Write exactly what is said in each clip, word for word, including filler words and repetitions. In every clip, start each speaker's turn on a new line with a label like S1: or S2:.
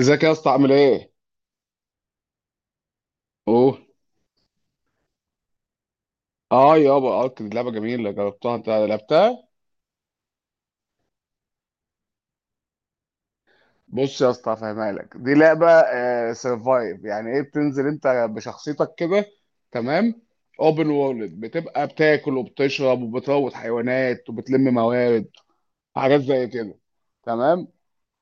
S1: ازيك يا اسطى، عامل ايه؟ اوه. اه يابا، ارك دي لعبه جميله، جربتها، انت لعبتها؟ بص يا اسطى، هفهمها لك، دي لعبه آه سرفايف، يعني ايه، بتنزل انت بشخصيتك كده، تمام؟ اوبن وورلد، بتبقى بتاكل وبتشرب وبتروض حيوانات وبتلم موارد، حاجات زي كده، تمام؟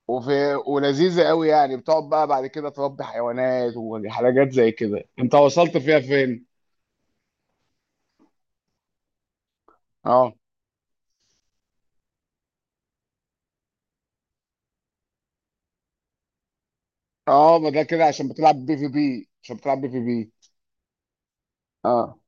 S1: وفي ولذيذه قوي، يعني بتقعد بقى بعد كده تربي حيوانات وحاجات زي كده، انت وصلت فيها فين؟ اه اه، ما ده كده عشان بتلعب بي في بي، عشان بتلعب بي في بي اه.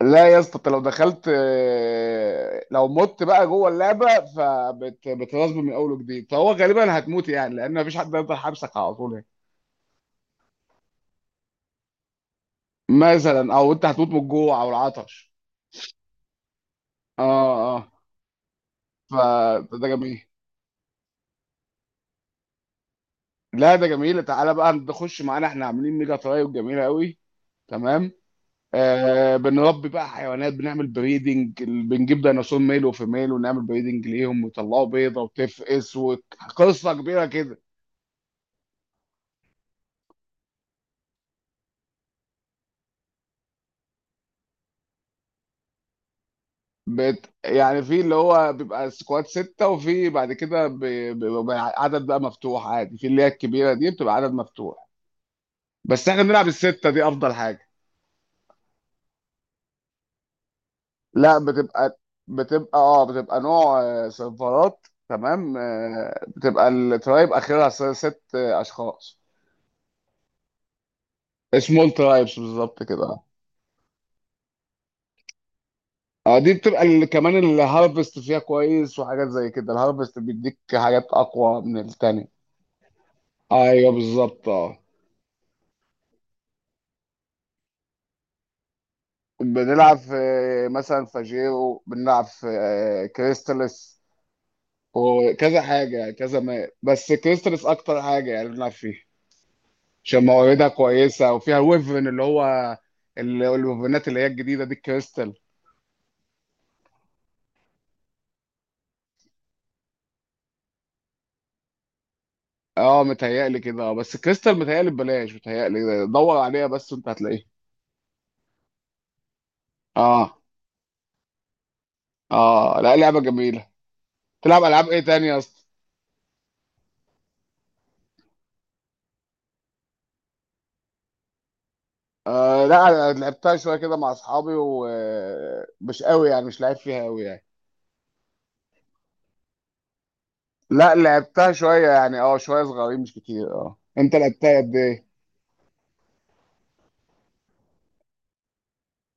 S1: لا يا اسطى، انت لو دخلت، آه، لو مت بقى جوه اللعبه فبتغصب من اول وجديد، فهو غالبا هتموت يعني، لان مفيش حد يقدر حبسك على طول يعني، مثلا، او انت هتموت من الجوع او العطش. اه اه، فده جميل. لا، ده جميل، تعالى بقى نخش معانا، احنا عاملين ميجا ترايب جميله قوي، تمام. آه، بنربي بقى حيوانات، بنعمل بريدنج، بنجيب ديناصور ميل وفيميل ونعمل بريدنج ليهم ويطلعوا بيضه وتفقس، وقصه كبيره كده. بت... يعني في اللي هو بيبقى سكواد ستة، وفي بعد كده ب... بيبقى عدد بقى مفتوح عادي، في اللي هي الكبيرة دي بتبقى عدد مفتوح، بس احنا بنلعب الستة دي، أفضل حاجة. لا بتبقى، بتبقى اه بتبقى نوع آه، سيرفرات، تمام. آه، بتبقى الترايب آخرها س- ست آه، أشخاص. سمول ترايبس بالظبط كده. اه، دي بتبقى ال- كمان الهارفست فيها كويس، وحاجات زي كده، الهارفست بيديك حاجات أقوى من التانية. ايوه بالظبط اه. بنلعب في، مثلا، فاجيرو، بنلعب في آه، كريستالس وكذا حاجة كذا، ما بس كريستالس أكتر حاجة يعني بنلعب فيها، عشان مواردها كويسة وفيها ويفرن، اللي هو ال- الويفرنات اللي هي الجديدة دي، الكريستال. اه متهيألي كده، اه بس الكريستال متهيألي ببلاش، متهيألي دور عليها بس وانت هتلاقيها. اه اه، لا لعبة جميلة. تلعب ألعاب ايه تاني يا اسطى؟ آه لا، أنا لعبتها شوية كده مع أصحابي، ومش قوي يعني، مش لعيب فيها قوي يعني. لا لعبتها شوية يعني، اه، شوية صغيرين مش كتير اه، انت لعبتها قد ايه؟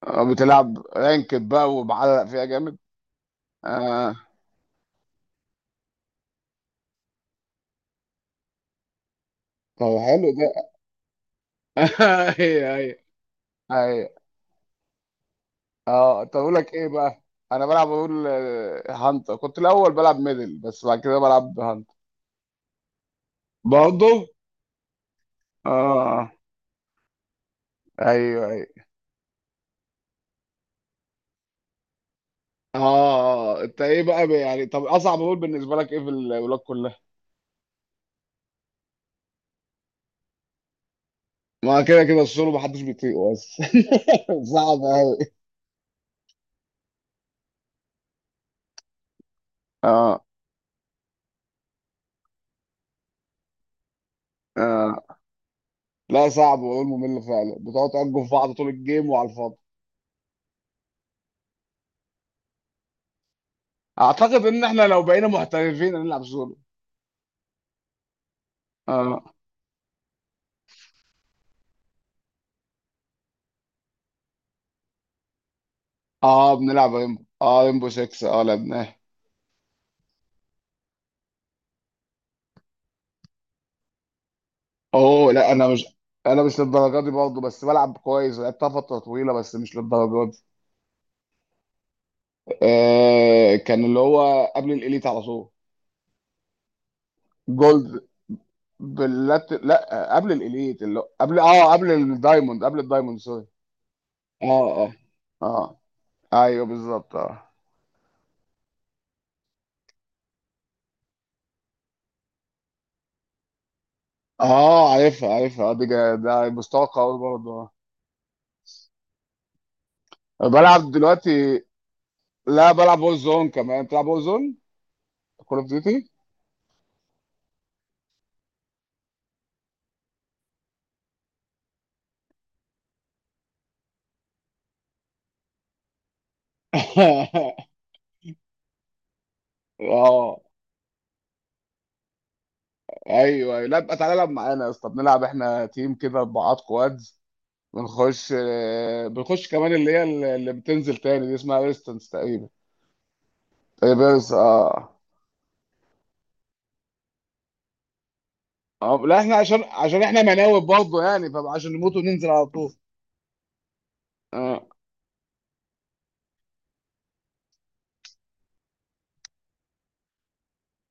S1: اه بتلعب رانكد بقى ومعلق فيها جامد. اه، طب حلو ده. ايوه ايوه ايوه. اه، طب اقول لك ايه بقى؟ انا بلعب، اقول، هانتر، كنت الاول بلعب ميدل، بس بعد كده بلعب هانتر. برضه؟ اه. ايوه ايوه اه. انت ايه بقى، ب- يعني، طب اصعب اقول بالنسبة لك ايه في الولاد كلها؟ ما كده كده السولو محدش بيطيقه بس. صعب قوي. اه اه. لا صعب والله، ممل فعلا، بتقعد تأجوا في بعض طول الجيم وعلى الفاضي. اعتقد ان احنا لو بقينا محترفين هنلعب سولو. اه اه، بنلعب ريمبو، اه ريمبو سيكس اه لعبناه. اوه لا، انا مش انا مش للدرجه دي برضه، بس بلعب كويس، لعبتها فتره طويله، بس مش للدرجه دي. آه، كان اللي هو قبل الاليت على طول. جولد. باللات لا، قبل الاليت اللي هو، قبل اه قبل الدايموند، قبل الدايموند، سوري. اه اه اه. ايوه بالظبط اه. اه عارفها عارفها، آه، دي جا- ده مستوى قوي برضه. آه. بلعب دلوقتي، لا بلعب وور زون كمان، بتلعب وور زون كول اوف ديوتي؟ اه ايوه. أيوة. لا بقى، تعالى العب معانا يا اسطى، بنلعب احنا تيم كده، اربعات كوادز. بنخش آه، بنخش كمان اللي هي اللي اللي بتنزل تاني دي، اسمها ريستنس تقريبا، تقريبا بس اه. آه، لا احنا عشان عشان احنا مناوب برضه يعني، فعشان نموت وننزل على طول. آه.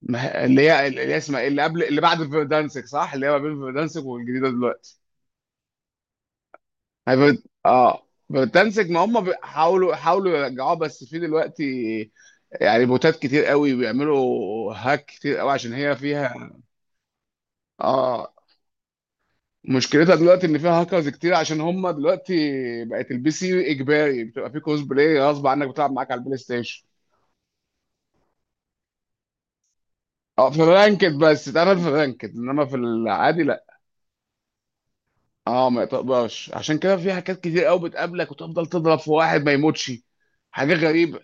S1: ما هي- اللي هي اللي هي اسمها ايه، اللي قبل، اللي بعد فيردانسك صح، اللي هي ما بين فيردانسك والجديده دلوقتي. هي فيرد- اه فيردانسك، ما هم بي- حاولوا حاولوا يرجعوها بس في دلوقتي، يعني بوتات كتير قوي بيعملوا هاك كتير قوي عشان هي فيها اه. مشكلتها دلوقتي ان فيها هاكرز كتير، عشان هم دلوقتي بقت البي سي اجباري، بتبقى في كوز بلاي غصب عنك بتلعب معاك على البلاي ستيشن. اه، في الرانكد بس اتعمل، في الرانكد انما في العادي اه ما تقدرش، عشان كده في حاجات كتير قوي بتقابلك وتفضل تضرب في واحد ما يموتش، حاجه غريبه،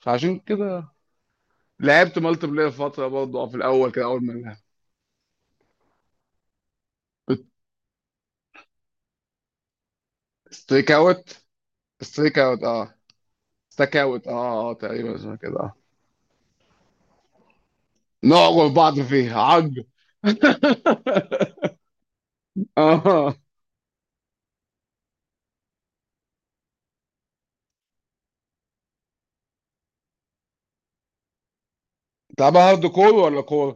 S1: فعشان كده. لعبت مالتي بلاير فتره برضه، اه، في الاول كده اول ما لعبت، ستريك اوت، ستريك اوت اه، ستاك اوت، اه اه اه، تقريبا اسمها كده اه. نعغر بعض فيها عج. اه. تلعبها هارد كور ولا كور؟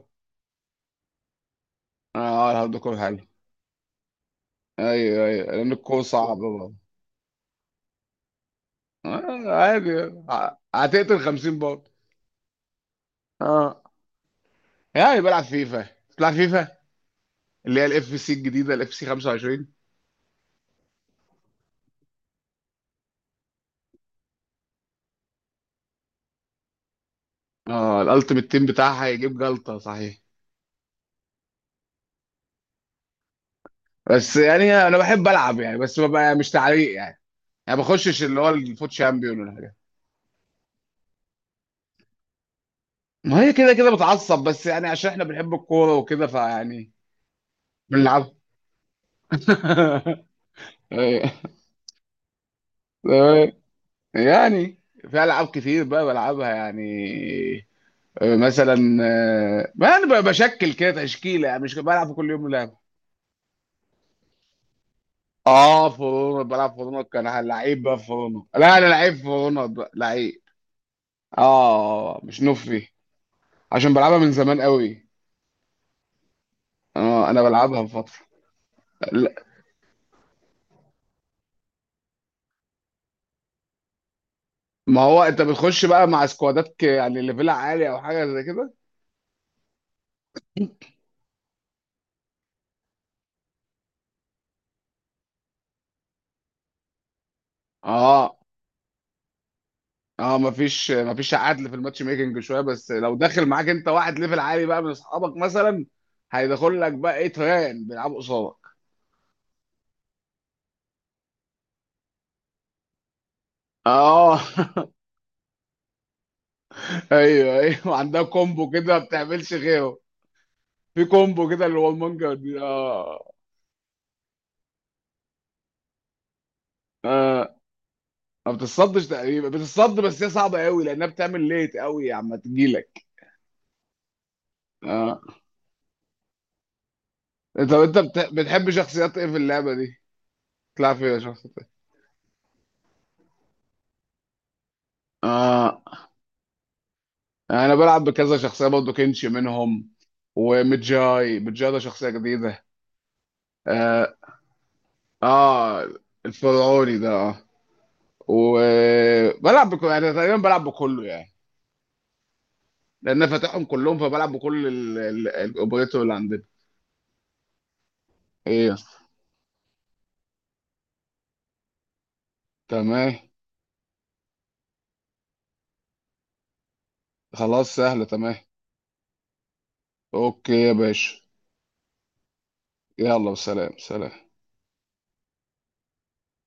S1: اه الهارد كور حلو. ايوه ايوه، لان الكور صعب برضه. آه عادي، ع- هتقتل خمسين برضه. اه، يعني بلعب فيفا، بتلعب فيفا؟ اللي هي الاف سي الجديده، الاف سي خمسة وعشرين. اه الالتيميت تيم بتاعها هيجيب جلطه صحيح. بس يعني انا بحب العب يعني، بس ببقى مش تعليق يعني، يعني ما بخشش اللي هو الفوت شامبيون ولا حاجه. ما هي كده كده بتعصب، بس يعني عشان احنا بنحب الكوره وكده فيعني، بنلعب. أيوة. تمام. يعني في العاب كتير بقى بلعبها يعني، مثلا، آه، ما انا بشكل كده تشكيله يعني، مش بلعب كل يوم لعب. اه فرونا، بلعب فرونا، كان لعيب بقى في فرونا، لا انا لعيب في فرونا، ب- لعيب. اه مش نفري، عشان بلعبها من زمان قوي. اه انا بلعبها من فتره. لا، ما هو انت بتخش بقى مع سكوادات ك- يعني ليفلها عالي او حاجه زي كده. اه اه، مفيش مفيش عدل في الماتش ميكنج شويه، بس لو داخل معاك انت واحد ليفل عالي بقى من اصحابك مثلا، هيدخل لك بقى ايه، تران بيلعبوا قصادك. اه. ايوه ايوه، وعندها كومبو كده ما بتعملش غيره، في كومبو كده اللي هو المانجا دي اه. اه ما بتتصدش تقريبا، بتتصد بس هي صعبه قوي، لانها بتعمل ليت قوي عما تجيلك. اه، طب انت بت... بتحب شخصيات ايه في اللعبه دي؟ بتلعب فيها شخصيات ايه؟ اه، انا بلعب بكذا شخصيه برضه، كنشي منهم، ومتجاي، متجاي ده شخصيه جديده. اه، آه الفرعوني ده اه، وبلعب بكل يعني، تقريبا بلعب بكله يعني، لان أنا فاتحهم كلهم، فبلعب بكل الاوبريتور اللي عندنا. ايه. تمام. خلاص سهلة. تمام. اوكي يا باشا. يلا سلام سلام.